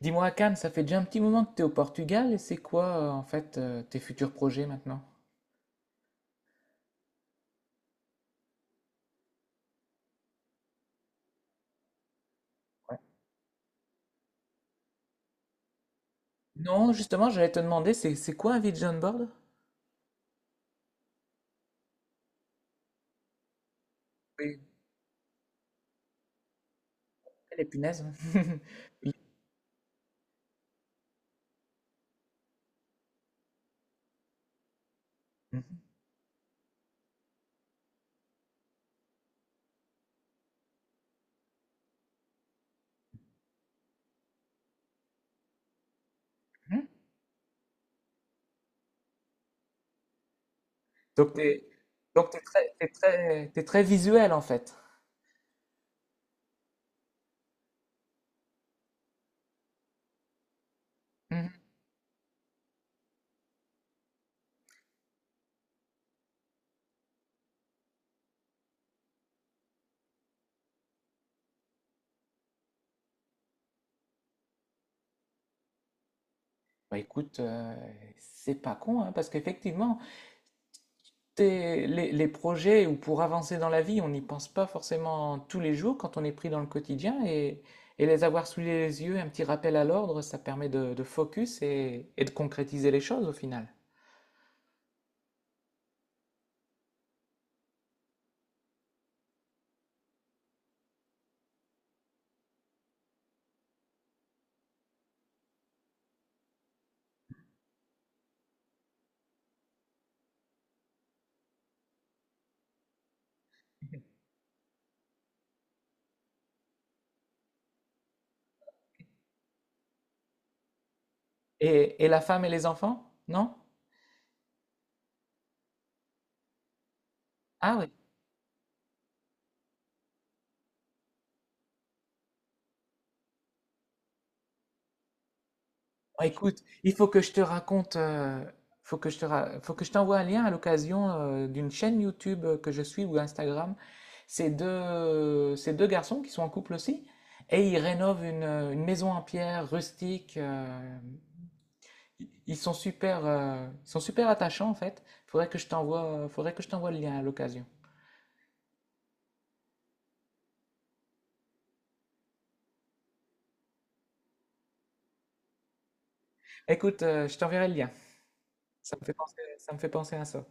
Dis-moi, Cannes, ça fait déjà un petit moment que tu es au Portugal et c'est quoi en fait tes futurs projets maintenant? Ouais. Non, justement, j'allais te demander, c'est quoi un vision board? Oui, les punaises. Oui. Mhm. Mhm. Donc t'es donc t'es très t'es très t'es très visuel en fait. Mhm. Bah écoute, c'est pas con hein, parce qu'effectivement, les projets ou pour avancer dans la vie, on n'y pense pas forcément tous les jours quand on est pris dans le quotidien, et les avoir sous les yeux, un petit rappel à l'ordre, ça permet de focus et de concrétiser les choses au final. Et la femme et les enfants? Non? Ah oui. Ah, écoute, il faut que je te raconte. Faut que je t'envoie un lien à l'occasion d'une chaîne YouTube que je suis, ou Instagram. C'est deux garçons qui sont en couple aussi et ils rénovent une maison en pierre rustique. Ils ils sont super attachants en fait. Faudrait que je t'envoie le lien à l'occasion. Écoute, je t'enverrai le lien. Ça me fait penser à ça.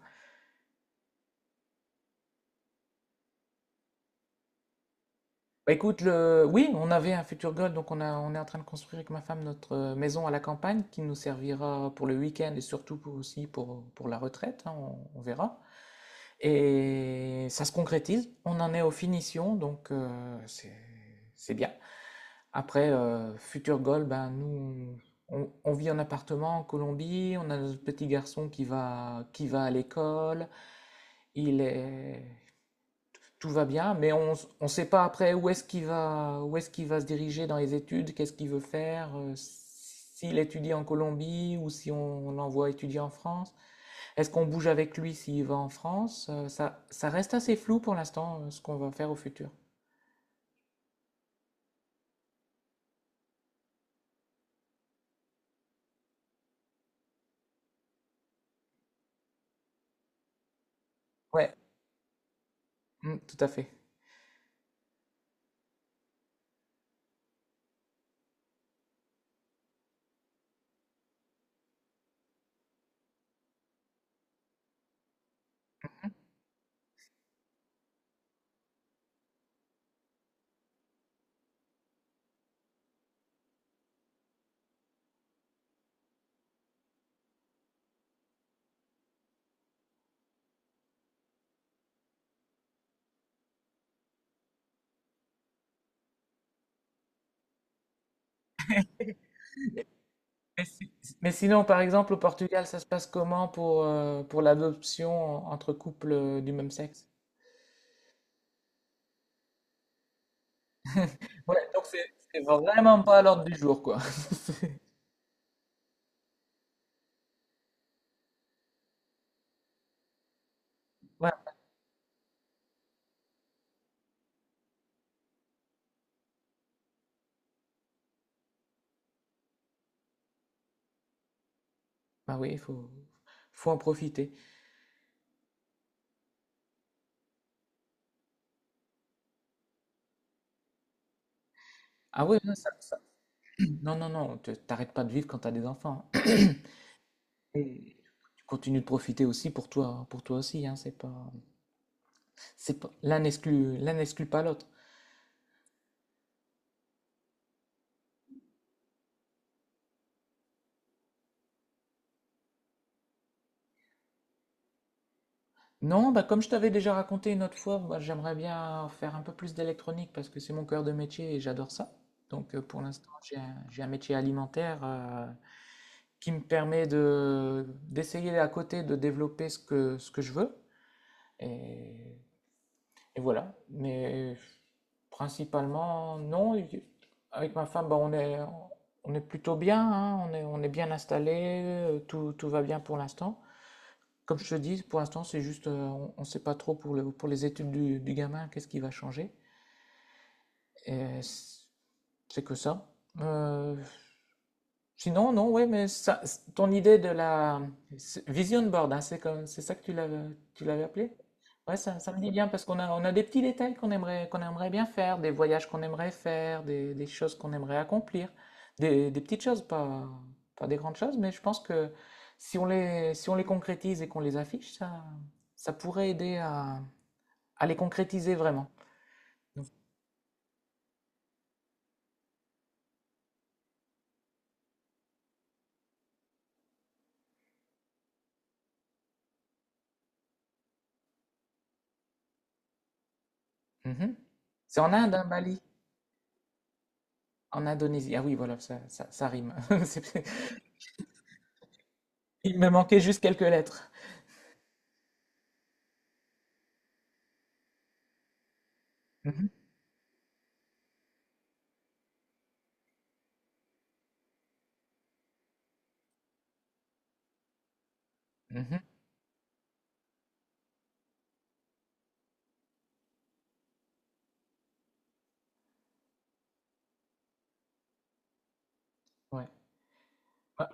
Bah, écoute. Oui, on avait un futur goal, donc on est en train de construire avec ma femme notre maison à la campagne, qui nous servira pour le week-end et surtout aussi pour la retraite, hein, on verra. Et ça se concrétise, on en est aux finitions, donc c'est bien. Après, futur goal, ben, nous, on vit en appartement en Colombie. On a notre petit garçon qui va à l'école, il est, tout va bien, mais on ne sait pas après où est-ce qu'il va se diriger dans les études, qu'est-ce qu'il veut faire, s'il étudie en Colombie ou si on l'envoie étudier en France. Est-ce qu'on bouge avec lui s'il va en France? Ça reste assez flou pour l'instant, ce qu'on va faire au futur. Ouais, tout à fait. Mais, si- mais sinon, par exemple, au Portugal, ça se passe comment pour l'adoption entre couples du même sexe? Ouais, donc c'est vraiment pas à l'ordre du jour, quoi. Bah oui, faut en profiter. Ah oui, non, non, non, non, t'arrêtes pas de vivre quand t'as des enfants. Et tu continues de profiter aussi pour toi aussi, hein. C'est pas, L'un n'exclut pas l'autre. Non, bah comme je t'avais déjà raconté une autre fois, moi, j'aimerais bien faire un peu plus d'électronique parce que c'est mon cœur de métier et j'adore ça. Donc pour l'instant, j'ai un métier alimentaire qui me permet d'essayer à côté de développer ce que je veux. Et Et voilà. Mais principalement, non. Avec ma femme, bah, on est plutôt bien, hein. On est bien installé, tout va bien pour l'instant. Comme je te dis, pour l'instant, c'est juste. On ne sait pas trop pour pour les études du gamin, qu'est-ce qui va changer. Et c'est que ça. Euh, Sinon, non, oui, ton idée de la vision board, hein, c'est ça que tu l'avais appelé? Ouais, ça me dit bien parce qu'on a, on a des petits détails qu'on aimerait bien faire, des voyages qu'on aimerait faire, des choses qu'on aimerait accomplir, des petites choses, pas des grandes choses, mais je pense que si on les concrétise et qu'on les affiche, ça pourrait aider à les concrétiser vraiment. Donc, mhm. C'est en Inde, hein, Bali, en Indonésie. Ah oui, voilà, ça rime. C'est- Il me manquait juste quelques lettres. Mhm, mhm. Ouais. Ah,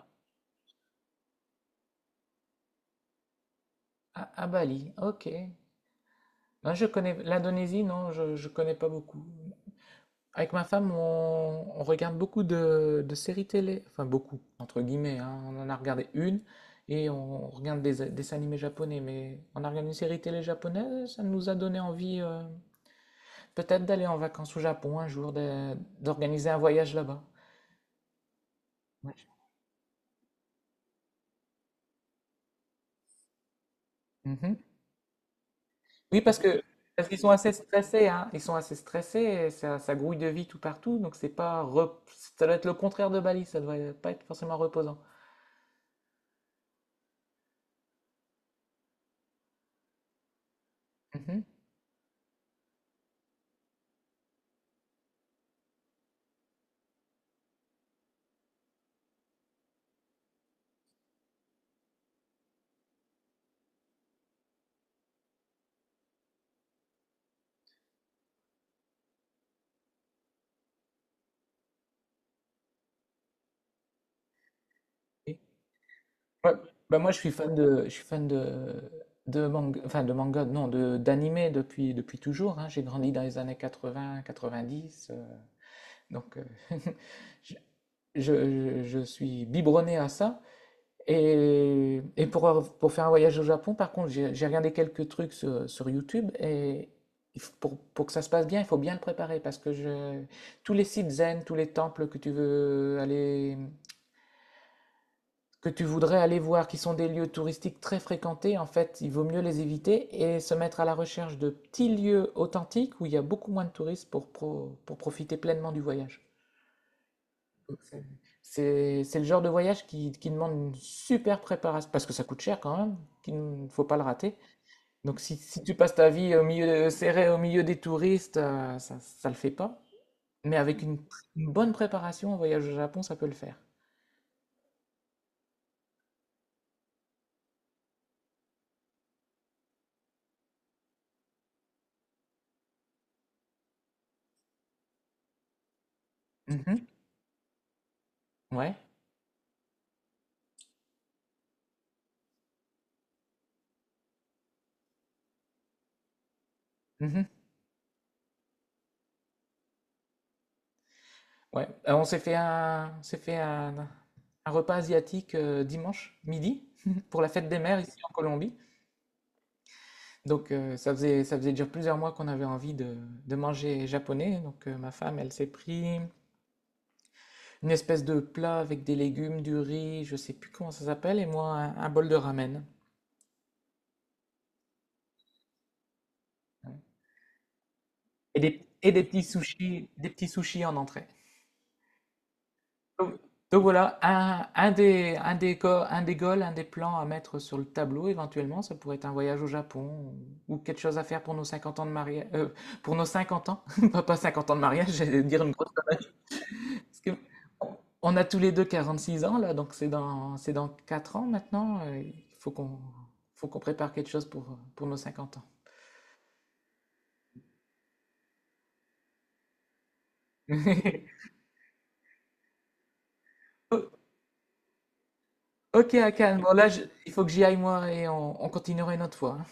ah, Bali, ok. Non, je connais l'Indonésie, non, je connais pas beaucoup. Avec ma femme, on regarde beaucoup de séries télé, enfin beaucoup, entre guillemets, hein. On en a regardé une, et on regarde des dessins animés japonais, mais on a regardé une série télé japonaise, ça nous a donné envie peut-être d'aller en vacances au Japon un jour, d'organiser un voyage là-bas. Ouais. Mhm. Oui, parce qu'ils sont assez stressés, hein. Ils sont assez stressés, et ça grouille de vie tout partout, donc c'est pas ça doit être le contraire de Bali, ça doit pas être forcément reposant. Mhm. Oui. Ouais. Bah moi, je suis fan de manga, enfin de manga, non, de d'animé depuis toujours, hein. J'ai grandi dans les années 80, 90, donc je, je suis biberonné à ça. Et pour faire un voyage au Japon, par contre, j'ai regardé quelques trucs sur YouTube, et pour que ça se passe bien, il faut bien le préparer. Tous les sites zen, tous les temples que tu voudrais aller voir, qui sont des lieux touristiques très fréquentés, en fait, il vaut mieux les éviter et se mettre à la recherche de petits lieux authentiques où il y a beaucoup moins de touristes pour profiter pleinement du voyage. C'est c'est le genre de voyage qui demande une super préparation, parce que ça coûte cher quand même, qu'il ne faut pas le rater. Donc si tu passes ta vie au milieu serré au milieu des touristes, ça ne le fait pas. Mais avec une bonne préparation, un voyage au Japon, ça peut le faire. Mhm. Ouais. Mhm. Ouais. On s'est fait un, on s'est fait un repas asiatique dimanche midi, pour la fête des mères ici en Colombie. Donc, ça faisait déjà plusieurs mois qu'on avait envie de manger japonais, donc ma femme, elle s'est pris une espèce de plat avec des légumes, du riz, je sais plus comment ça s'appelle, et moi un bol de ramen. Ouais, et des petits sushis en entrée. Donc donc voilà, un des goals, un des plans à mettre sur le tableau éventuellement, ça pourrait être un voyage au Japon ou quelque chose à faire pour nos 50 ans de mariage, pour nos 50 ans, pas 50 ans de mariage, j'allais dire une grosse. Parce que on a tous les deux 46 ans, là, donc c'est dans 4 ans maintenant. Il faut qu'on prépare quelque chose pour nos 50 ans. O- Ok, Hakan, bon là, il faut que j'y aille moi, et on continuera une autre fois, hein.